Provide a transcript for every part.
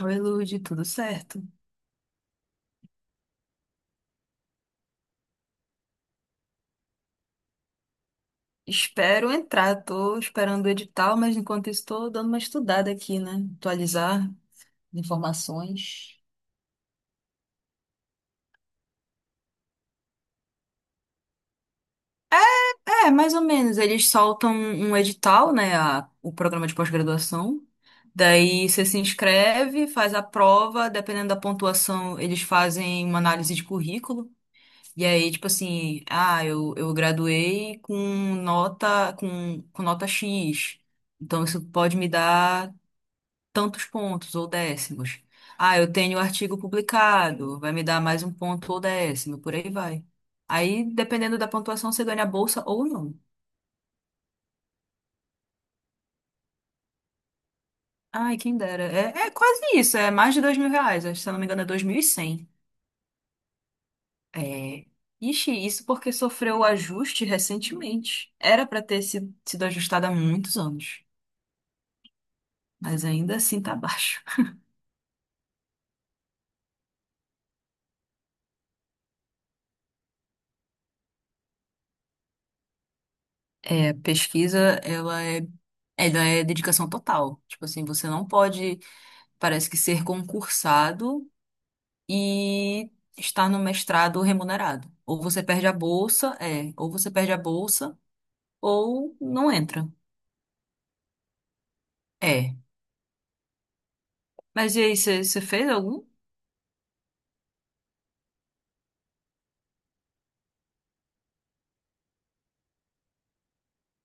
Oi, Lude, tudo certo? Espero entrar, tô esperando o edital, mas enquanto isso tô dando uma estudada aqui, né? Atualizar informações. É, mais ou menos, eles soltam um edital, né, o programa de pós-graduação. Daí você se inscreve, faz a prova, dependendo da pontuação, eles fazem uma análise de currículo. E aí, tipo assim, eu graduei com nota com nota X. Então isso pode me dar tantos pontos ou décimos. Ah, eu tenho o artigo publicado, vai me dar mais um ponto ou décimo, por aí vai. Aí, dependendo da pontuação, você ganha a bolsa ou não. Ai, quem dera. É quase isso, é mais de dois mil reais, acho que, se eu não me engano é dois mil e cem. É... Ixi, isso porque sofreu o ajuste recentemente. Era para ter sido, sido ajustada há muitos anos, mas ainda assim tá baixo. É, pesquisa, ela é dedicação total. Tipo assim, você não pode parece que ser concursado e estar no mestrado remunerado. Ou você perde a bolsa, ou você perde a bolsa, ou não entra. É. Mas e aí, você fez algum?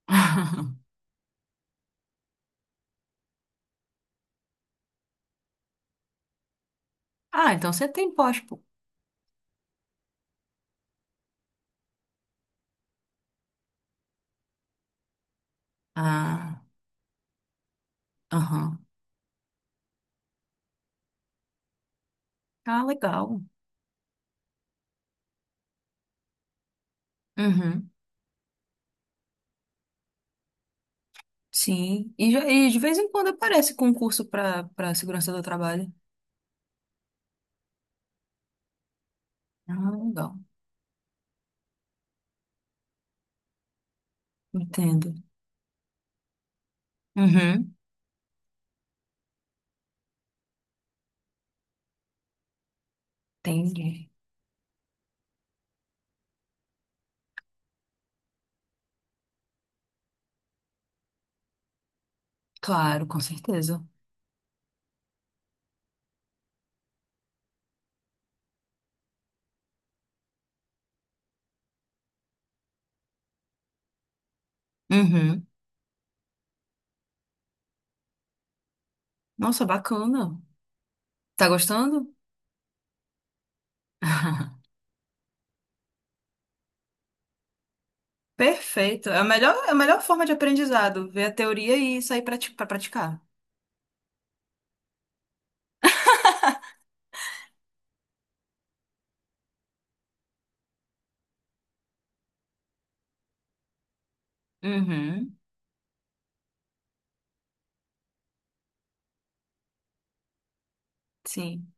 Ah, então você tem pós, pô. Ah, aham. Ah, legal. Uhum. Sim. E, e de vez em quando aparece concurso para para segurança do trabalho. Ah, legal. Entendo. Uhum. Entendi. Claro, com certeza. Uhum. Nossa, bacana. Tá gostando? Perfeito. É a melhor forma de aprendizado, ver a teoria e sair para praticar. Uhum, sim.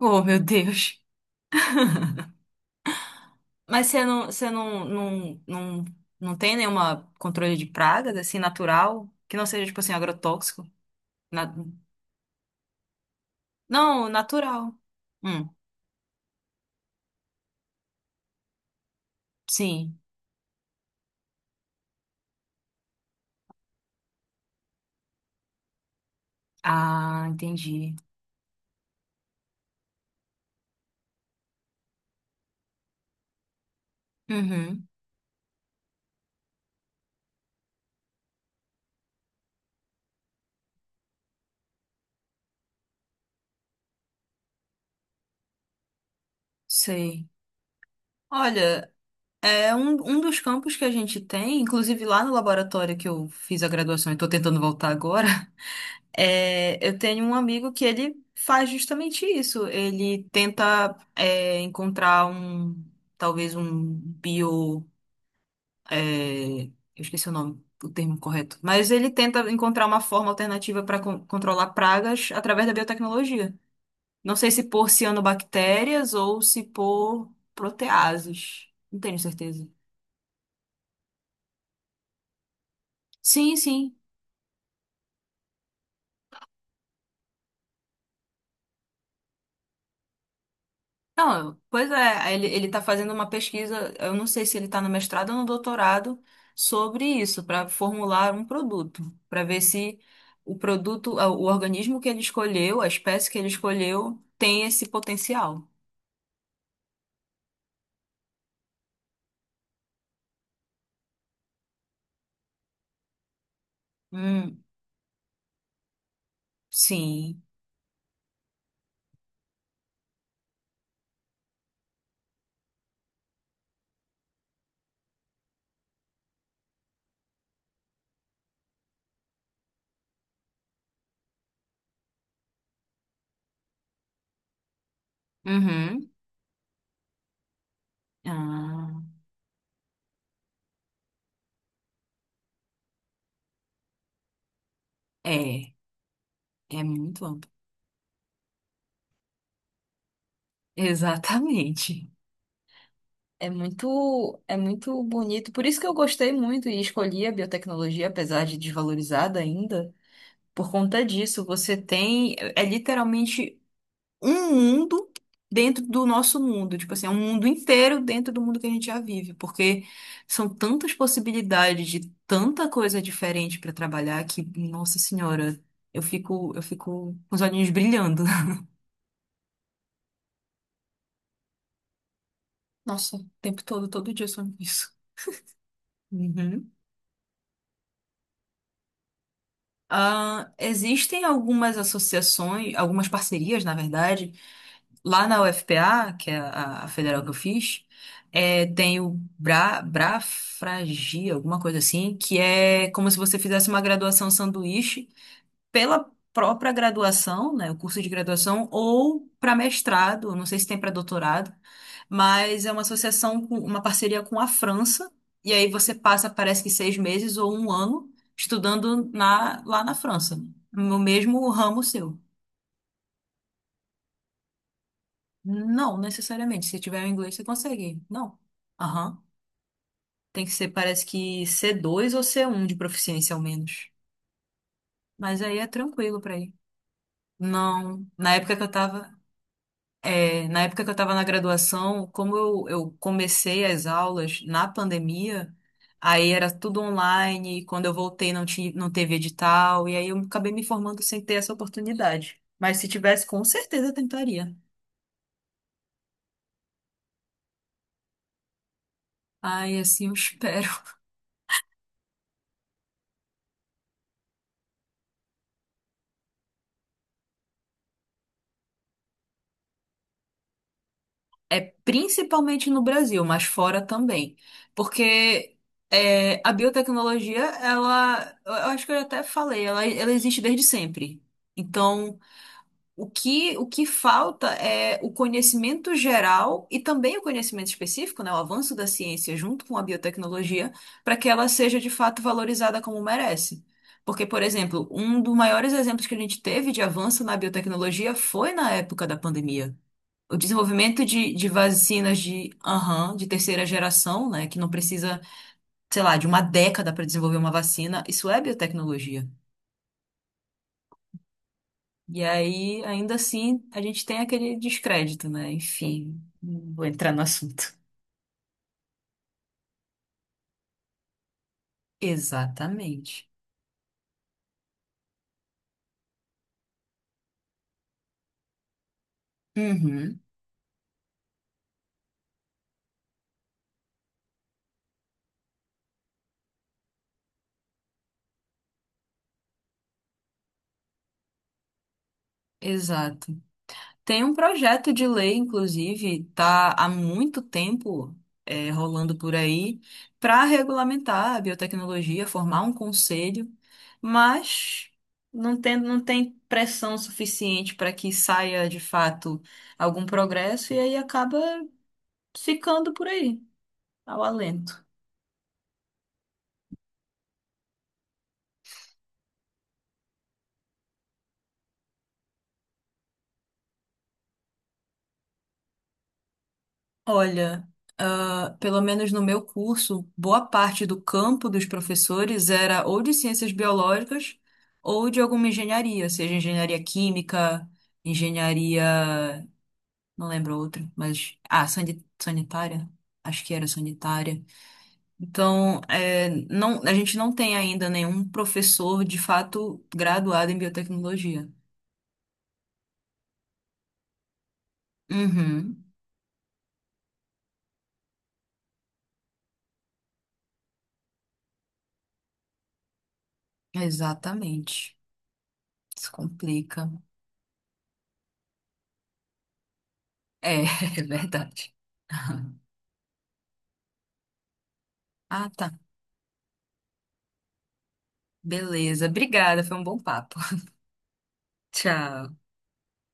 Oh, meu Deus. Mas você não, não, não, não tem nenhuma controle de pragas, assim, natural? Que não seja, tipo assim, agrotóxico? Na- Não, natural. Hum, sim. Ah, entendi. Uhum, sei. Olha, é um, um dos campos que a gente tem, inclusive lá no laboratório que eu fiz a graduação e estou tentando voltar agora, é, eu tenho um amigo que ele faz justamente isso. Ele tenta encontrar um, talvez um eu esqueci o nome, o termo correto, mas ele tenta encontrar uma forma alternativa para controlar pragas através da biotecnologia. Não sei se por cianobactérias ou se por proteases. Não tenho certeza. Sim, sim. Não, pois é, aí ele tá fazendo uma pesquisa, eu não sei se ele está no mestrado ou no doutorado, sobre isso, para formular um produto, para ver se o produto, ah, o organismo que ele escolheu, a espécie que ele escolheu, tem esse potencial. Hum, sim. Uhum. Ah, é, é muito amplo. Exatamente. É muito bonito. Por isso que eu gostei muito e escolhi a biotecnologia, apesar de desvalorizada ainda. Por conta disso, você tem. É literalmente um mundo dentro do nosso mundo. Tipo assim, é um mundo inteiro dentro do mundo que a gente já vive. Porque são tantas possibilidades de tanta coisa diferente para trabalhar que, nossa senhora, eu fico com os olhinhos brilhando. Nossa, o tempo todo, todo dia eu sonho isso. Uhum. Ah, existem algumas associações, algumas parcerias, na verdade. Lá na UFPA, que é a federal que eu fiz, é, tem o brafragia, alguma coisa assim, que é como se você fizesse uma graduação sanduíche pela própria graduação, né, o curso de graduação, ou para mestrado, não sei se tem para doutorado, mas é uma associação, uma parceria com a França, e aí você passa, parece que seis meses ou um ano estudando lá na França, no mesmo ramo seu. Não, necessariamente. Se tiver o inglês, você consegue. Não. Aham. Tem que ser, parece que c dois ou c um de proficiência, ao menos. Mas aí é tranquilo pra ir. Não. Na época que eu tava. É, na época que eu tava na graduação, como eu comecei as aulas na pandemia, aí era tudo online, e quando eu voltei não teve edital, e aí eu acabei me formando sem ter essa oportunidade. Mas se tivesse, com certeza eu tentaria. Ai, assim eu espero. Principalmente no Brasil, mas fora também. Porque é, a biotecnologia, ela, eu acho que eu até falei, ela existe desde sempre. Então, o que falta é o conhecimento geral e também o conhecimento específico, né, o avanço da ciência junto com a biotecnologia, para que ela seja de fato valorizada como merece. Porque, por exemplo, um dos maiores exemplos que a gente teve de avanço na biotecnologia foi na época da pandemia, o desenvolvimento de vacinas de, aham, de terceira geração, né, que não precisa, sei lá, de uma década para desenvolver uma vacina, isso é biotecnologia. E aí, ainda assim, a gente tem aquele descrédito, né? Enfim, não vou entrar no assunto. Exatamente. Uhum, exato. Tem um projeto de lei, inclusive, tá há muito tempo é, rolando por aí para regulamentar a biotecnologia, formar um conselho, mas não tem pressão suficiente para que saia de fato algum progresso e aí acaba ficando por aí, ao alento. Olha, ah, pelo menos no meu curso, boa parte do campo dos professores era ou de ciências biológicas ou de alguma engenharia, seja engenharia química, engenharia, não lembro outra, mas sanitária, acho que era sanitária. Então, é, não, a gente não tem ainda nenhum professor de fato graduado em biotecnologia. Uhum, exatamente. Isso complica. É, é verdade. Ah, tá. Beleza. Obrigada, foi um bom papo. Tchau.